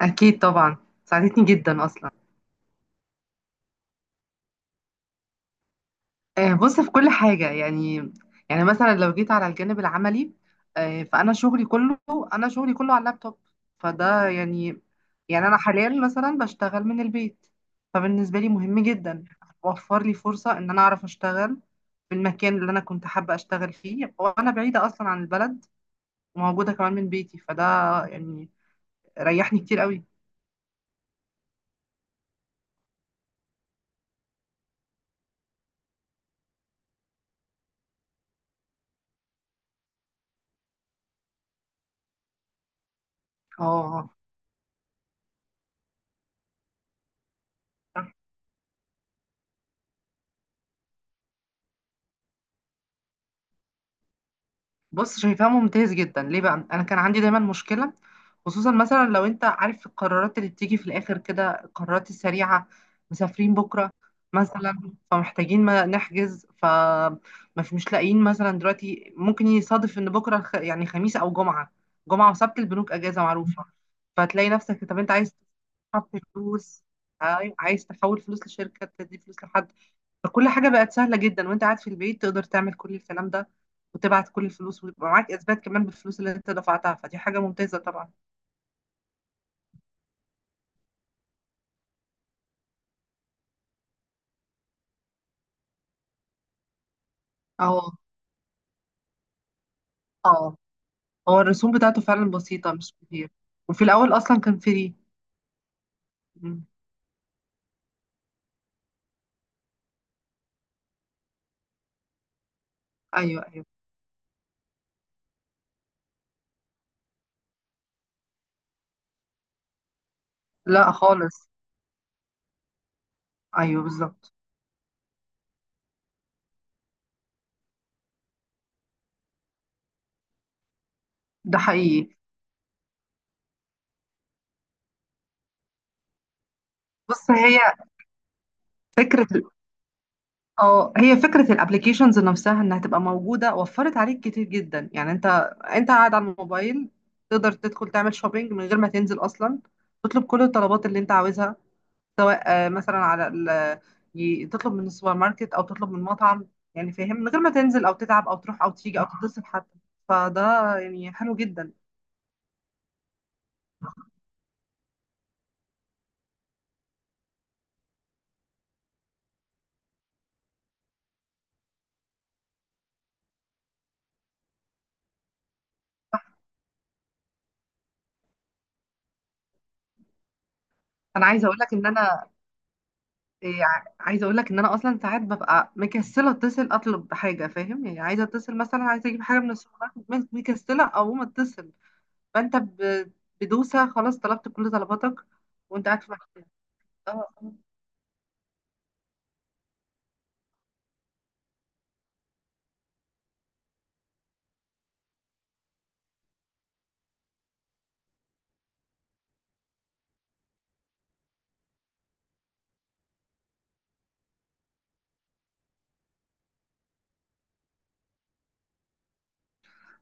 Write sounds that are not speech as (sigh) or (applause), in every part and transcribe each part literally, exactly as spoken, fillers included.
أكيد طبعا. ساعدتني جدا أصلا. آه، بص، في كل حاجة يعني يعني مثلا لو جيت على الجانب العملي، آه، فأنا شغلي كله، أنا شغلي كله على اللابتوب. فده يعني، يعني أنا حاليا مثلا بشتغل من البيت، فبالنسبة لي مهم جدا. وفر لي فرصة إن أنا أعرف أشتغل في المكان اللي أنا كنت حابة أشتغل فيه، وأنا بعيدة أصلا عن البلد وموجودة كمان من بيتي. فده يعني ريحني كتير قوي. اه، بص، شايفاه ممتاز جدا. ليه بقى؟ انا كان عندي دايما مشكله، خصوصا مثلا لو انت عارف القرارات اللي بتيجي في الاخر كده، القرارات السريعه. مسافرين بكره مثلا، فمحتاجين ما نحجز. ف مش مش لاقيين. مثلا دلوقتي ممكن يصادف ان بكره خ- يعني خميس او جمعه. جمعه وسبت البنوك اجازه معروفه. فتلاقي نفسك، طب انت عايز تحط فلوس، عاي- عايز تحول فلوس لشركه، تدي فلوس لحد. فكل حاجة بقت سهلة جدا، وانت قاعد في البيت تقدر تعمل كل الكلام ده، وتبعت كل الفلوس، ويبقى معاك اثبات كمان بالفلوس اللي انت دفعتها. فدي حاجة ممتازة طبعا. اه، اه. هو الرسوم بتاعته فعلا بسيطة، مش كتير. وفي الأول أصلا كان فري. مم. أيوه، أيوه. لا خالص. أيوه، بالظبط. ده حقيقي. بص، هي فكرة اه هي فكرة الابليكيشنز نفسها انها تبقى موجودة وفرت عليك كتير جدا. يعني انت انت قاعد على الموبايل تقدر تدخل تعمل شوبينج من غير ما تنزل اصلا، تطلب كل الطلبات اللي انت عاوزها، سواء آه، مثلا على ال... ي- تطلب من السوبر ماركت او تطلب من مطعم. يعني فاهم؟ من غير ما تنزل او تتعب او تروح او تيجي او تتصل حتى. فده يعني حلو جدا. انا عايزة اقول لك ان انا إيه، ع- عايزه اقول لك ان انا اصلا ساعات ببقى مكسله اتصل اطلب حاجه. فاهم يعني؟ عايزه اتصل مثلا، عايزه اجيب حاجه من السوبر ماركت، بس مكسله او ما اتصل. فانت ب- بدوسه، خلاص طلبت كل طلباتك وانت قاعد في مكتب. اه. آه.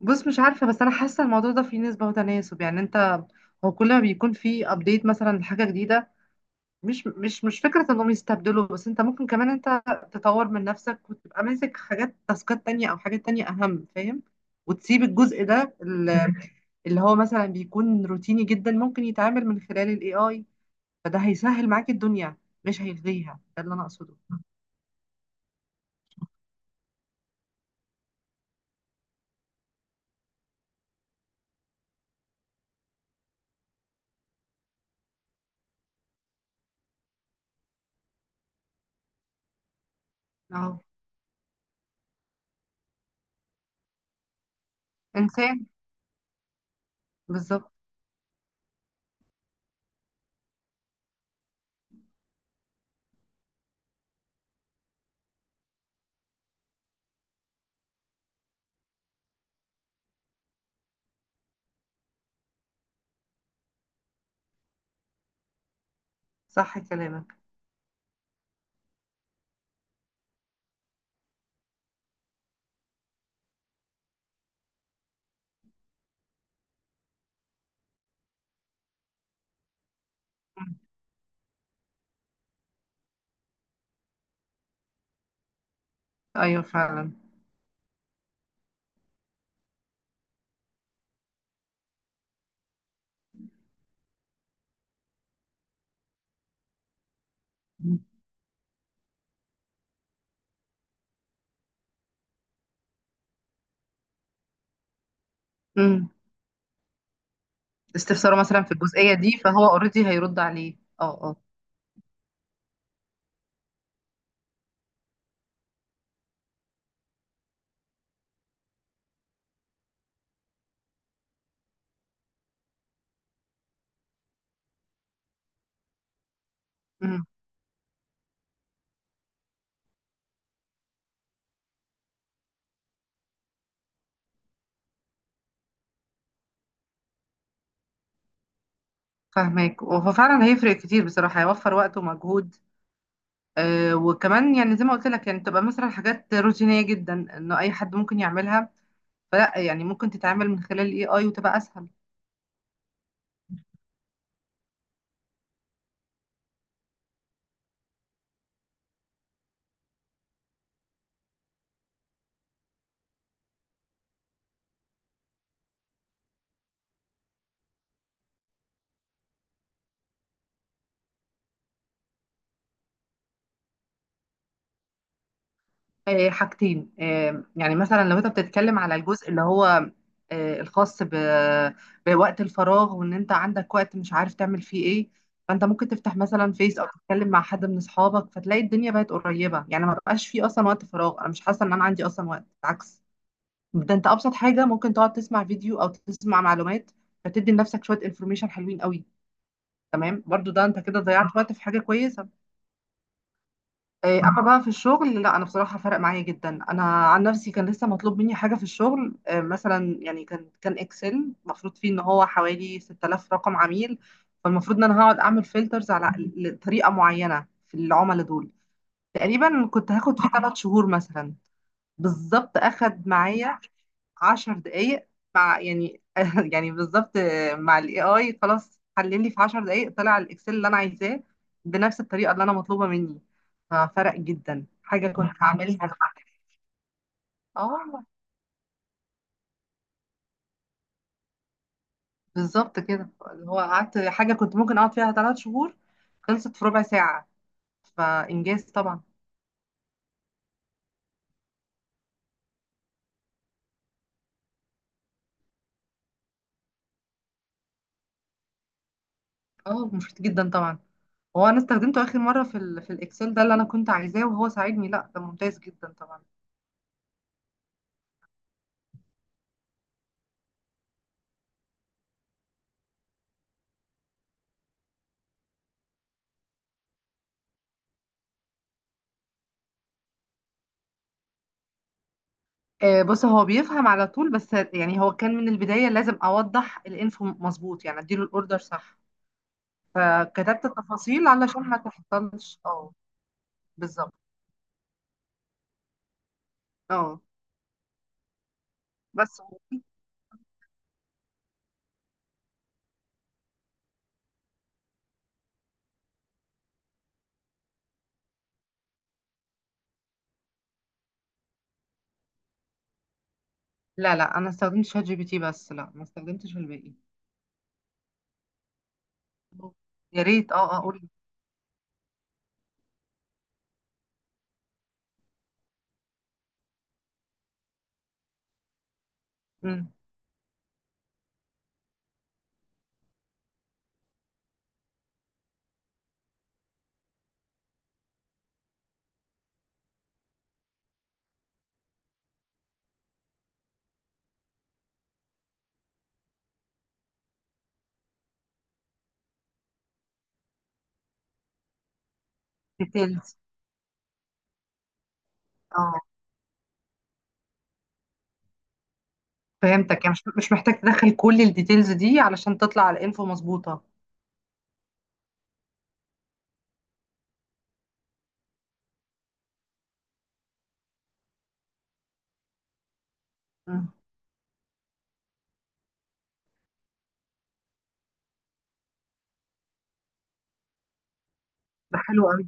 بص، مش عارفه، بس انا حاسه الموضوع ده فيه نسبه وتناسب. يعني انت، هو كل ما بيكون فيه ابديت مثلا لحاجه جديده، مش مش مش فكره انهم يستبدلوا، بس انت ممكن كمان انت تطور من نفسك وتبقى ماسك حاجات، تاسكات تانية او حاجات تانية اهم، فاهم؟ وتسيب الجزء ده اللي هو مثلا بيكون روتيني جدا، ممكن يتعامل من خلال الاي اي. فده هيسهل معاك الدنيا، مش هيلغيها. ده اللي انا اقصده. اهو، انسان. بالظبط. صح كلامك. مم. ايوه فعلا. مم. مم. استفساره مثلا في الجزئيه دي، فهو اوريدي هيرد عليه. اه، اه. مم. فاهمك. وهو فعلا هيفرق كتير بصراحه، هيوفر وقت ومجهود. آه، وكمان يعني زي ما قلت لك، يعني تبقى مثلا حاجات روتينيه جدا انه اي حد ممكن يعملها، فلا. يعني ممكن تتعامل من خلال الاي اي وتبقى اسهل. آه، حاجتين. آه، يعني مثلا لو انت بتتكلم على الجزء اللي هو آه، الخاص ب- بوقت الفراغ، وان انت عندك وقت مش عارف تعمل فيه ايه، فانت ممكن تفتح مثلا فيس او تتكلم مع حد من اصحابك، فتلاقي الدنيا بقت قريبة. يعني ما بقاش فيه اصلا وقت فراغ. انا مش حاسة ان انا عندي اصلا وقت، بالعكس. ده انت ابسط حاجة ممكن تقعد تسمع فيديو او تسمع معلومات، فتدي لنفسك شوية انفورميشن حلوين قوي. تمام، برضو ده انت كده ضيعت وقت في حاجة كويسة. إيه، اما بقى في الشغل، لا. انا بصراحه فرق معايا جدا. انا عن نفسي كان لسه مطلوب مني حاجه في الشغل. إيه، مثلا يعني كان كان اكسل المفروض فيه ان هو حوالي ستة آلاف رقم عميل. فالمفروض ان انا هقعد اعمل فلترز على ل- طريقه معينه في العملاء دول. تقريبا كنت هاخد فيه ثلاث شهور مثلا. بالظبط أخد معايا عشر دقايق، مع يعني (laughs) يعني بالظبط، مع الاي اي. خلاص حلل لي في عشر دقايق، طلع الاكسل اللي انا عايزاه بنفس الطريقه اللي انا مطلوبه مني. ففرق جدا، حاجه كنت هعملها لوحدي. اه، بالظبط كده. اللي هو قعدت حاجه كنت ممكن اقعد فيها ثلاث شهور، خلصت في ربع ساعه. فانجاز طبعا. اه، مفيد جدا طبعا. هو انا استخدمته اخر مره في ال في الاكسل ده اللي انا كنت عايزاه وهو ساعدني، لا ده ممتاز جدا طبعا. آه، بص، هو بيفهم على طول. بس يعني هو كان من البداية لازم أوضح الانفو مظبوط، يعني أديله الأوردر صح. فكتبت التفاصيل علشان ما تحصلش. اه، بالظبط. اه، بس، لا، لا، أنا استخدمت شات جي بي تي بس. لا، ما استخدمتش الباقي. يا ريت، اه، اه، قولي. ديتيلز. اه، فهمتك. يعني مش مش محتاج تدخل كل الديتيلز دي علشان تطلع الانفو مظبوطة. مم. ده حلو قوي.